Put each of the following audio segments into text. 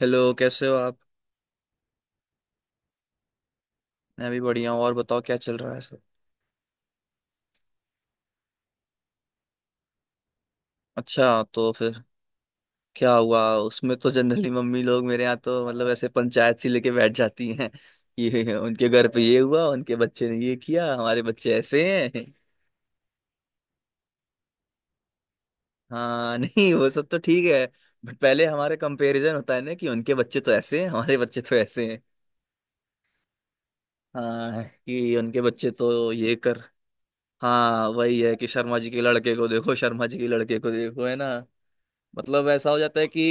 Hello, कैसे हो आप। मैं भी बढ़िया हूँ। और बताओ, क्या चल रहा है सब। अच्छा, तो फिर क्या हुआ उसमें। तो जनरली मम्मी लोग, मेरे यहाँ तो मतलब ऐसे पंचायत सी लेके बैठ जाती हैं। ये उनके घर पे ये हुआ, उनके बच्चे ने ये किया, हमारे बच्चे ऐसे हैं। हाँ। नहीं वो सब तो ठीक है, बट पहले हमारे कंपैरिजन होता है ना, कि उनके बच्चे तो ऐसे हैं, हमारे बच्चे तो ऐसे हैं। हाँ, कि उनके बच्चे तो ये कर। हाँ वही है, कि शर्मा जी के लड़के को देखो, शर्मा जी के लड़के को देखो, है ना। मतलब ऐसा हो जाता है कि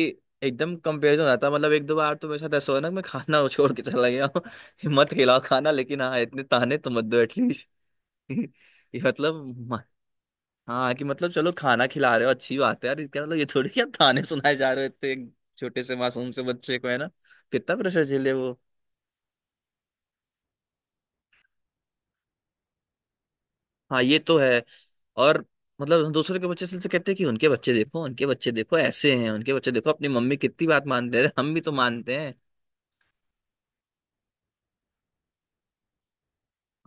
एकदम कंपेरिजन हो जाता है। मतलब एक दो बार तो मेरे साथ ऐसा हुआ ना, कि मैं खाना छोड़ के चला गया हूँ। मत खिलाओ खाना, लेकिन हाँ, इतने ताने तो मत दो एटलीस्ट। ये मतलब म- हाँ, कि मतलब चलो खाना खिला रहे हो, अच्छी बात है यार। इसका मतलब ये थोड़ी कि आप ताने सुनाए जा रहे हो इतने, एक छोटे से मासूम से बच्चे को, है ना। कितना प्रेशर झेले वो। हाँ ये तो है। और मतलब दूसरे के बच्चे से तो कहते हैं कि उनके बच्चे देखो, उनके बच्चे देखो ऐसे हैं, उनके बच्चे देखो अपनी मम्मी कितनी बात मानते हैं, हम भी तो मानते।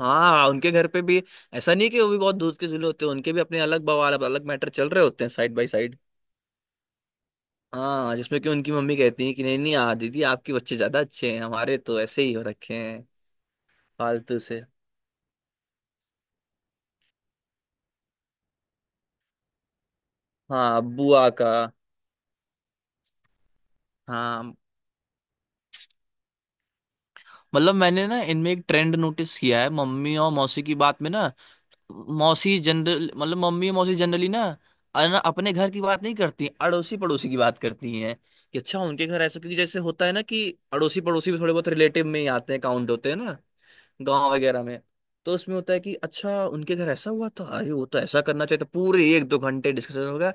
हाँ उनके घर पे भी ऐसा नहीं कि वो भी बहुत दूध के चूल्हे होते हैं। उनके भी अपने अलग बवाल, अलग मैटर चल रहे होते हैं साइड बाय साइड। हाँ, जिसमें कि उनकी मम्मी कहती है कि नहीं नहीं आ दीदी, आपके बच्चे ज्यादा अच्छे हैं, हमारे तो ऐसे ही हो रखे हैं, फालतू से। हाँ बुआ का। हाँ मतलब मैंने ना इनमें एक ट्रेंड नोटिस किया है, मम्मी और मौसी की बात में ना, मौसी जनरल मतलब मम्मी और मौसी जनरली ना, अपने घर की बात नहीं करती, अड़ोसी पड़ोसी की बात करती हैं कि अच्छा उनके घर ऐसा, क्योंकि जैसे होता है ना कि अड़ोसी पड़ोसी भी थोड़े बहुत रिलेटिव में ही आते हैं, काउंट होते हैं ना, गांव वगैरह में। तो उसमें होता है कि अच्छा उनके घर ऐसा हुआ था, अरे वो तो ऐसा करना चाहिए था, पूरे एक दो घंटे डिस्कशन होगा।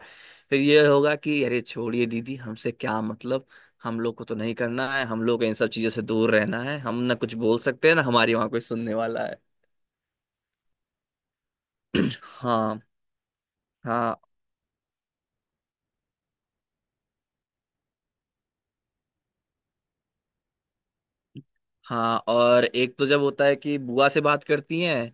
फिर ये होगा कि अरे छोड़िए दीदी, हमसे क्या मतलब। हम लोग को तो नहीं करना है, हम लोग को इन सब चीजों से दूर रहना है। हम ना कुछ बोल सकते हैं ना हमारी वहां कोई सुनने वाला है। हाँ हाँ। हाँ और एक तो जब होता है कि बुआ से बात करती हैं,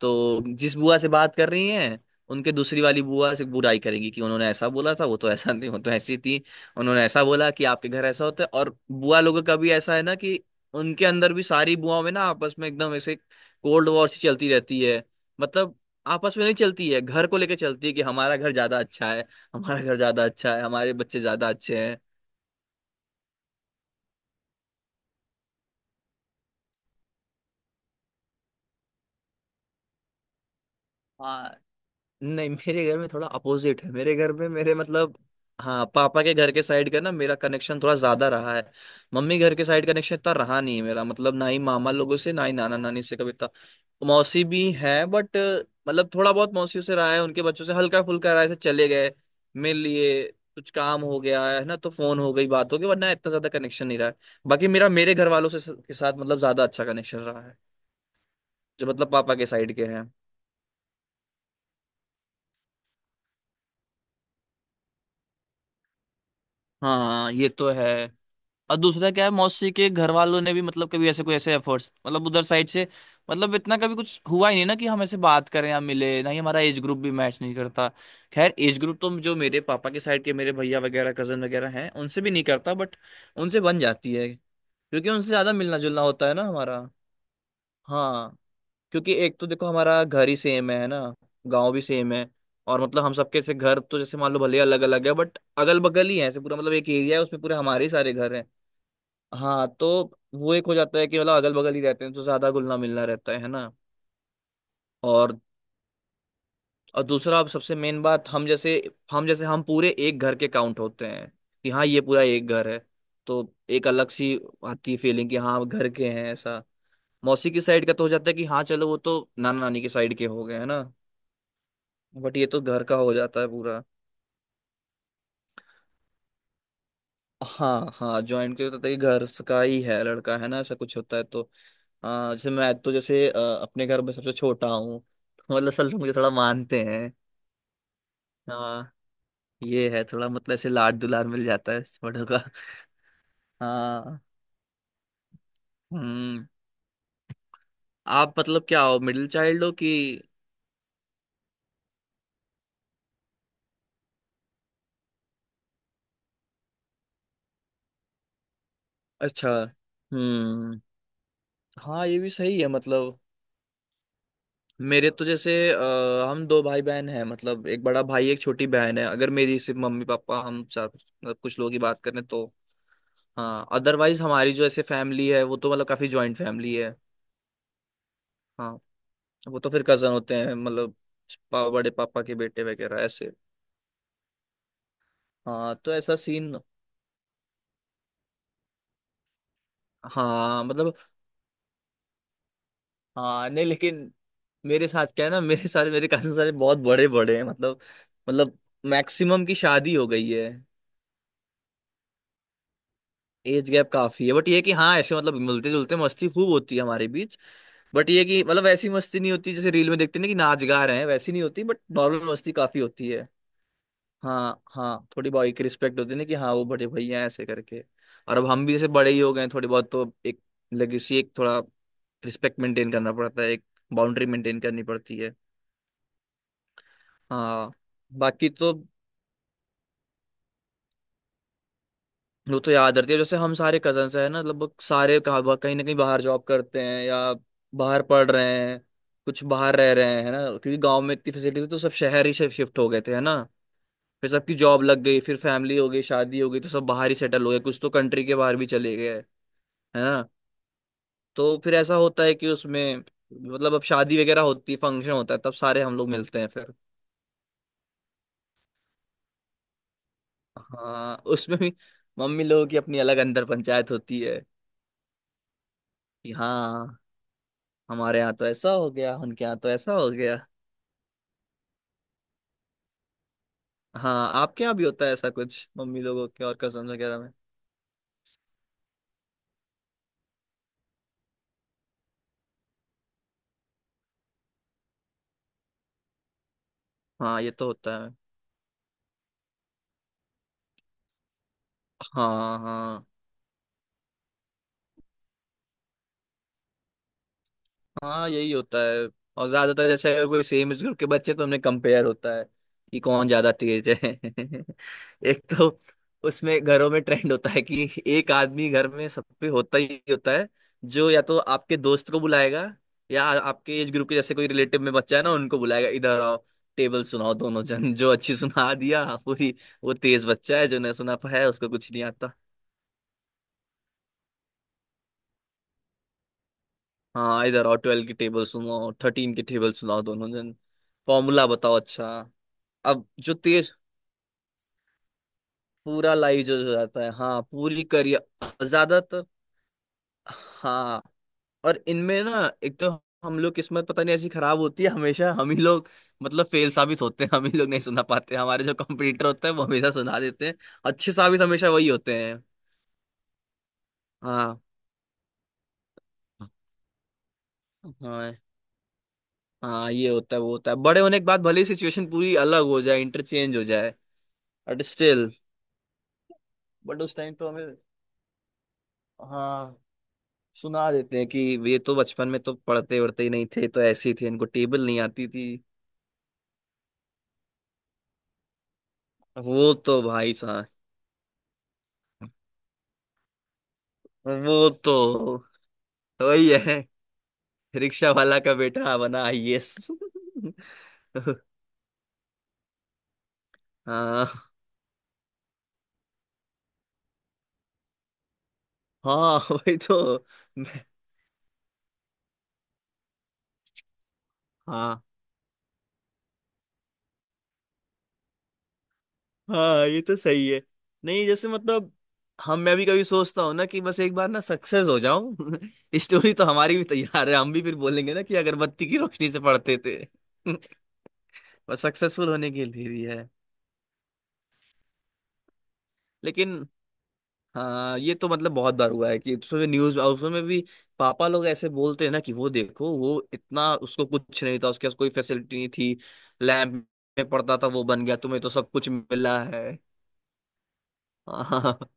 तो जिस बुआ से बात कर रही हैं उनके दूसरी वाली बुआ से बुराई करेंगी, कि उन्होंने ऐसा बोला था, वो तो ऐसा नहीं, वो तो ऐसी थी, उन्होंने ऐसा बोला कि आपके घर ऐसा होता है। और बुआ लोगों का भी ऐसा है ना, कि उनके अंदर भी सारी बुआओं में ना आपस में एकदम ऐसे कोल्ड वॉर सी चलती रहती है। मतलब आपस में नहीं चलती है, घर को लेकर चलती है, कि हमारा घर ज्यादा अच्छा है, हमारा घर ज्यादा अच्छा है, हमारे बच्चे ज्यादा अच्छे हैं। हाँ नहीं मेरे घर में थोड़ा अपोजिट है। मेरे घर में मेरे मतलब, हाँ, पापा के घर के साइड का ना मेरा कनेक्शन थोड़ा ज्यादा रहा है। मम्मी घर के साइड कनेक्शन इतना रहा नहीं है मेरा। मतलब ना ही मामा लोगों से, ना ही नाना नानी से कभी इतना। मौसी भी है बट, मतलब थोड़ा बहुत मौसियों से रहा है, उनके बच्चों से हल्का फुल्का रहा है, ऐसे चले गए, मिल लिए, कुछ काम हो गया है ना, तो फोन हो गई, बात हो गई, वरना इतना ज्यादा कनेक्शन नहीं रहा है। बाकी मेरा मेरे घर वालों से के साथ मतलब ज्यादा अच्छा कनेक्शन रहा है, जो मतलब पापा के साइड के हैं। हाँ ये तो है। और दूसरा क्या है, मौसी के घर वालों ने भी मतलब कभी ऐसे कोई ऐसे एफर्ट्स, मतलब उधर साइड से मतलब इतना कभी कुछ हुआ ही नहीं ना, कि हम ऐसे बात करें या मिले। ना ही हमारा एज ग्रुप भी मैच नहीं करता। खैर एज ग्रुप तो जो मेरे पापा के साइड के मेरे भैया वगैरह कजन वगैरह हैं, उनसे भी नहीं करता, बट उनसे बन जाती है, क्योंकि उनसे ज्यादा मिलना जुलना होता है ना हमारा। हाँ, क्योंकि एक तो देखो हमारा घर ही सेम है ना, गांव भी सेम है। और मतलब हम सबके से घर तो जैसे मान लो भले अलग अलग है, बट अगल बगल ही है। ऐसे पूरा मतलब एक एरिया है, उसमें पूरे हमारे ही सारे घर हैं। हाँ तो वो एक हो जाता है कि मतलब अगल बगल ही रहते हैं, तो ज्यादा घुलना मिलना रहता है ना। और और दूसरा, अब सबसे मेन बात, हम जैसे, हम जैसे हम पूरे एक घर के काउंट होते हैं, कि हाँ ये पूरा एक घर है। तो एक अलग सी आती है फीलिंग, कि हाँ हम घर के हैं ऐसा। मौसी की साइड का तो हो जाता है कि हाँ चलो वो तो नाना नानी की साइड के हो गए, है ना। बट ये तो घर का हो जाता है पूरा। हाँ हाँ, ज्वाइंट के होता है, घर का ही है, लड़का है ना ऐसा कुछ होता है। तो जैसे मैं तो, जैसे अपने घर में सबसे छोटा हूँ, तो मतलब असल से मुझे थोड़ा मानते हैं। हाँ ये है थोड़ा, मतलब ऐसे लाड दुलार मिल जाता है इस बड़ों का। हाँ। हम्म। आप मतलब क्या हो, मिडिल चाइल्ड हो कि। अच्छा। हम्म। हाँ ये भी सही है। मतलब मेरे तो जैसे, हम दो भाई बहन हैं, मतलब एक बड़ा भाई एक छोटी बहन है। अगर मेरी सिर्फ मम्मी पापा, हम चार, मतलब कुछ लोग ही बात करें तो। हाँ अदरवाइज हमारी जो ऐसे फैमिली है वो तो मतलब काफी जॉइंट फैमिली है। हाँ वो तो फिर कजन होते हैं मतलब, बड़े पापा के बेटे वगैरह ऐसे। हाँ तो ऐसा सीन। हाँ मतलब, हाँ नहीं लेकिन, मेरे साथ क्या है ना, मेरे सारे मेरे कजन सारे बहुत बड़े बड़े हैं मतलब, मतलब मैक्सिमम की शादी हो गई है। एज गैप काफी है बट ये कि हाँ ऐसे मतलब मिलते जुलते मस्ती खूब होती है हमारे बीच। बट ये कि मतलब ऐसी मस्ती नहीं होती जैसे रील में देखते हैं ना कि नाच गा रहे हैं, वैसी नहीं होती, बट नॉर्मल मस्ती काफी होती है। हाँ हाँ थोड़ी भाई की रिस्पेक्ट होती है ना, कि हाँ वो बड़े भैया हैं ऐसे करके। और अब हम भी जैसे बड़े ही हो गए हैं, थोड़ी बहुत तो एक लेगेसी, एक थोड़ा रिस्पेक्ट मेंटेन करना पड़ता है, एक बाउंड्री मेंटेन करनी पड़ती है। हाँ। बाकी तो वो तो याद रहती है, जैसे हम सारे कजन्स हैं ना, लगभग सारे कहाँ कहीं ना कहीं बाहर जॉब करते हैं या बाहर पढ़ रहे हैं, कुछ बाहर रह रहे हैं, है ना। क्योंकि गांव में इतनी फैसिलिटी थी, तो सब शहर ही शिफ्ट हो गए थे, है ना। फिर सबकी जॉब लग गई, फिर फैमिली हो गई, शादी हो गई, तो सब बाहर ही सेटल हो गए, कुछ तो कंट्री के बाहर भी चले गए, है ना। तो फिर ऐसा होता है कि उसमें मतलब अब शादी वगैरह होती है, फंक्शन होता है तब सारे हम लोग मिलते हैं फिर। हाँ उसमें भी मम्मी लोगों की अपनी अलग अंदर पंचायत होती है, कि हाँ हमारे यहाँ तो ऐसा हो गया, उनके यहाँ तो ऐसा हो गया। हाँ आपके यहाँ भी होता है ऐसा कुछ मम्मी लोगों के और कजन वगैरह में। हाँ ये तो होता है। हाँ हाँ। हाँ यही होता है। और ज्यादातर जैसे अगर कोई सेम एज ग्रुप के बच्चे तो उनमें कंपेयर होता है, कि कौन ज्यादा तेज है। एक तो उसमें घरों में ट्रेंड होता है कि एक आदमी घर में सब पे होता ही होता है, जो या तो आपके दोस्त को बुलाएगा या आपके एज ग्रुप के जैसे कोई रिलेटिव में बच्चा है ना उनको बुलाएगा, इधर आओ, टेबल सुनाओ दोनों जन, जो अच्छी सुना दिया हाँ, पूरी। वो तेज बच्चा है, जो नहीं सुना पाया उसको कुछ नहीं आता। हाँ, इधर आओ 12 की टेबल सुनाओ, 13 की टेबल सुनाओ दोनों जन, फॉर्मूला बताओ अच्छा। अब जो तेज, पूरा लाइव जो हो जाता है, हाँ पूरी करियर ज्यादातर। हाँ और इनमें ना एक तो हम लोग किस्मत पता नहीं ऐसी खराब होती है, हमेशा हम ही लोग मतलब फेल साबित होते हैं, हम ही लोग नहीं सुना पाते, हमारे जो कंपटीटर होते हैं वो हमेशा सुना देते हैं, अच्छे साबित हमेशा वही होते हैं। हाँ हाँ। हाँ ये होता है वो होता है, बड़े होने के बाद भले ही सिचुएशन पूरी अलग हो जाए, इंटरचेंज हो जाए, बट स्टिल बट उस टाइम तो हमें, हाँ सुना देते हैं कि ये तो बचपन में तो पढ़ते वढ़ते ही नहीं थे, तो ऐसे ही थे, इनको टेबल नहीं आती थी। वो तो भाई साहब, वो तो वही है, रिक्शा वाला का बेटा बना आईएएस। हाँ हाँ वही तो। मैं- हाँ हाँ, ये तो सही है। नहीं जैसे मतलब हम, मैं भी कभी सोचता हूँ ना कि बस एक बार ना सक्सेस हो जाऊं। स्टोरी तो हमारी भी तैयार है, हम भी फिर बोलेंगे ना कि अगरबत्ती की रोशनी से पढ़ते थे। बस सक्सेसफुल होने के लिए ही है। लेकिन हाँ ये तो मतलब बहुत बार हुआ है कि उसमें न्यूज, उसमें भी पापा लोग ऐसे बोलते हैं ना कि वो देखो वो इतना, उसको कुछ नहीं था, उसके पास कोई फैसिलिटी नहीं थी, लैब में पढ़ता था वो बन गया, तुम्हें तो सब कुछ मिला है। हाँ।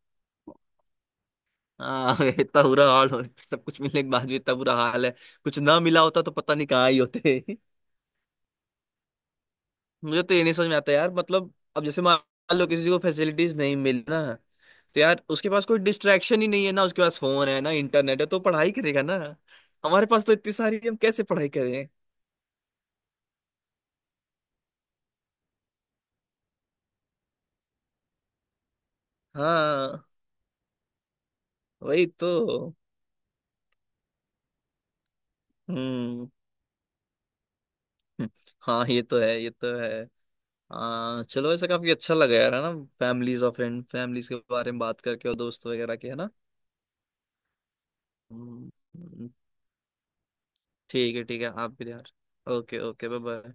हाँ इतना बुरा हाल हो, सब कुछ मिलने के बाद भी इतना बुरा हाल है, कुछ ना मिला होता तो पता नहीं कहाँ ही होते। मुझे तो ये नहीं समझ में आता यार, मतलब अब जैसे मान लो किसी को फैसिलिटीज नहीं मिल ना, तो यार उसके पास कोई डिस्ट्रैक्शन ही नहीं है ना, उसके पास फोन है ना इंटरनेट है, तो पढ़ाई करेगा ना। हमारे पास तो इतनी सारी है, हम कैसे पढ़ाई करें। हाँ वही तो। हम्म हम्म, हाँ ये तो है ये तो है। हाँ चलो, ऐसा काफी अच्छा लगा यार, है ना, फैमिलीज और फ्रेंड फैमिलीज के बारे में बात करके, और दोस्त वगैरह के, है ना। हम्म, हम्म, हम्म। ठीक है ठीक है, आप भी यार। Okay okay, bye bye.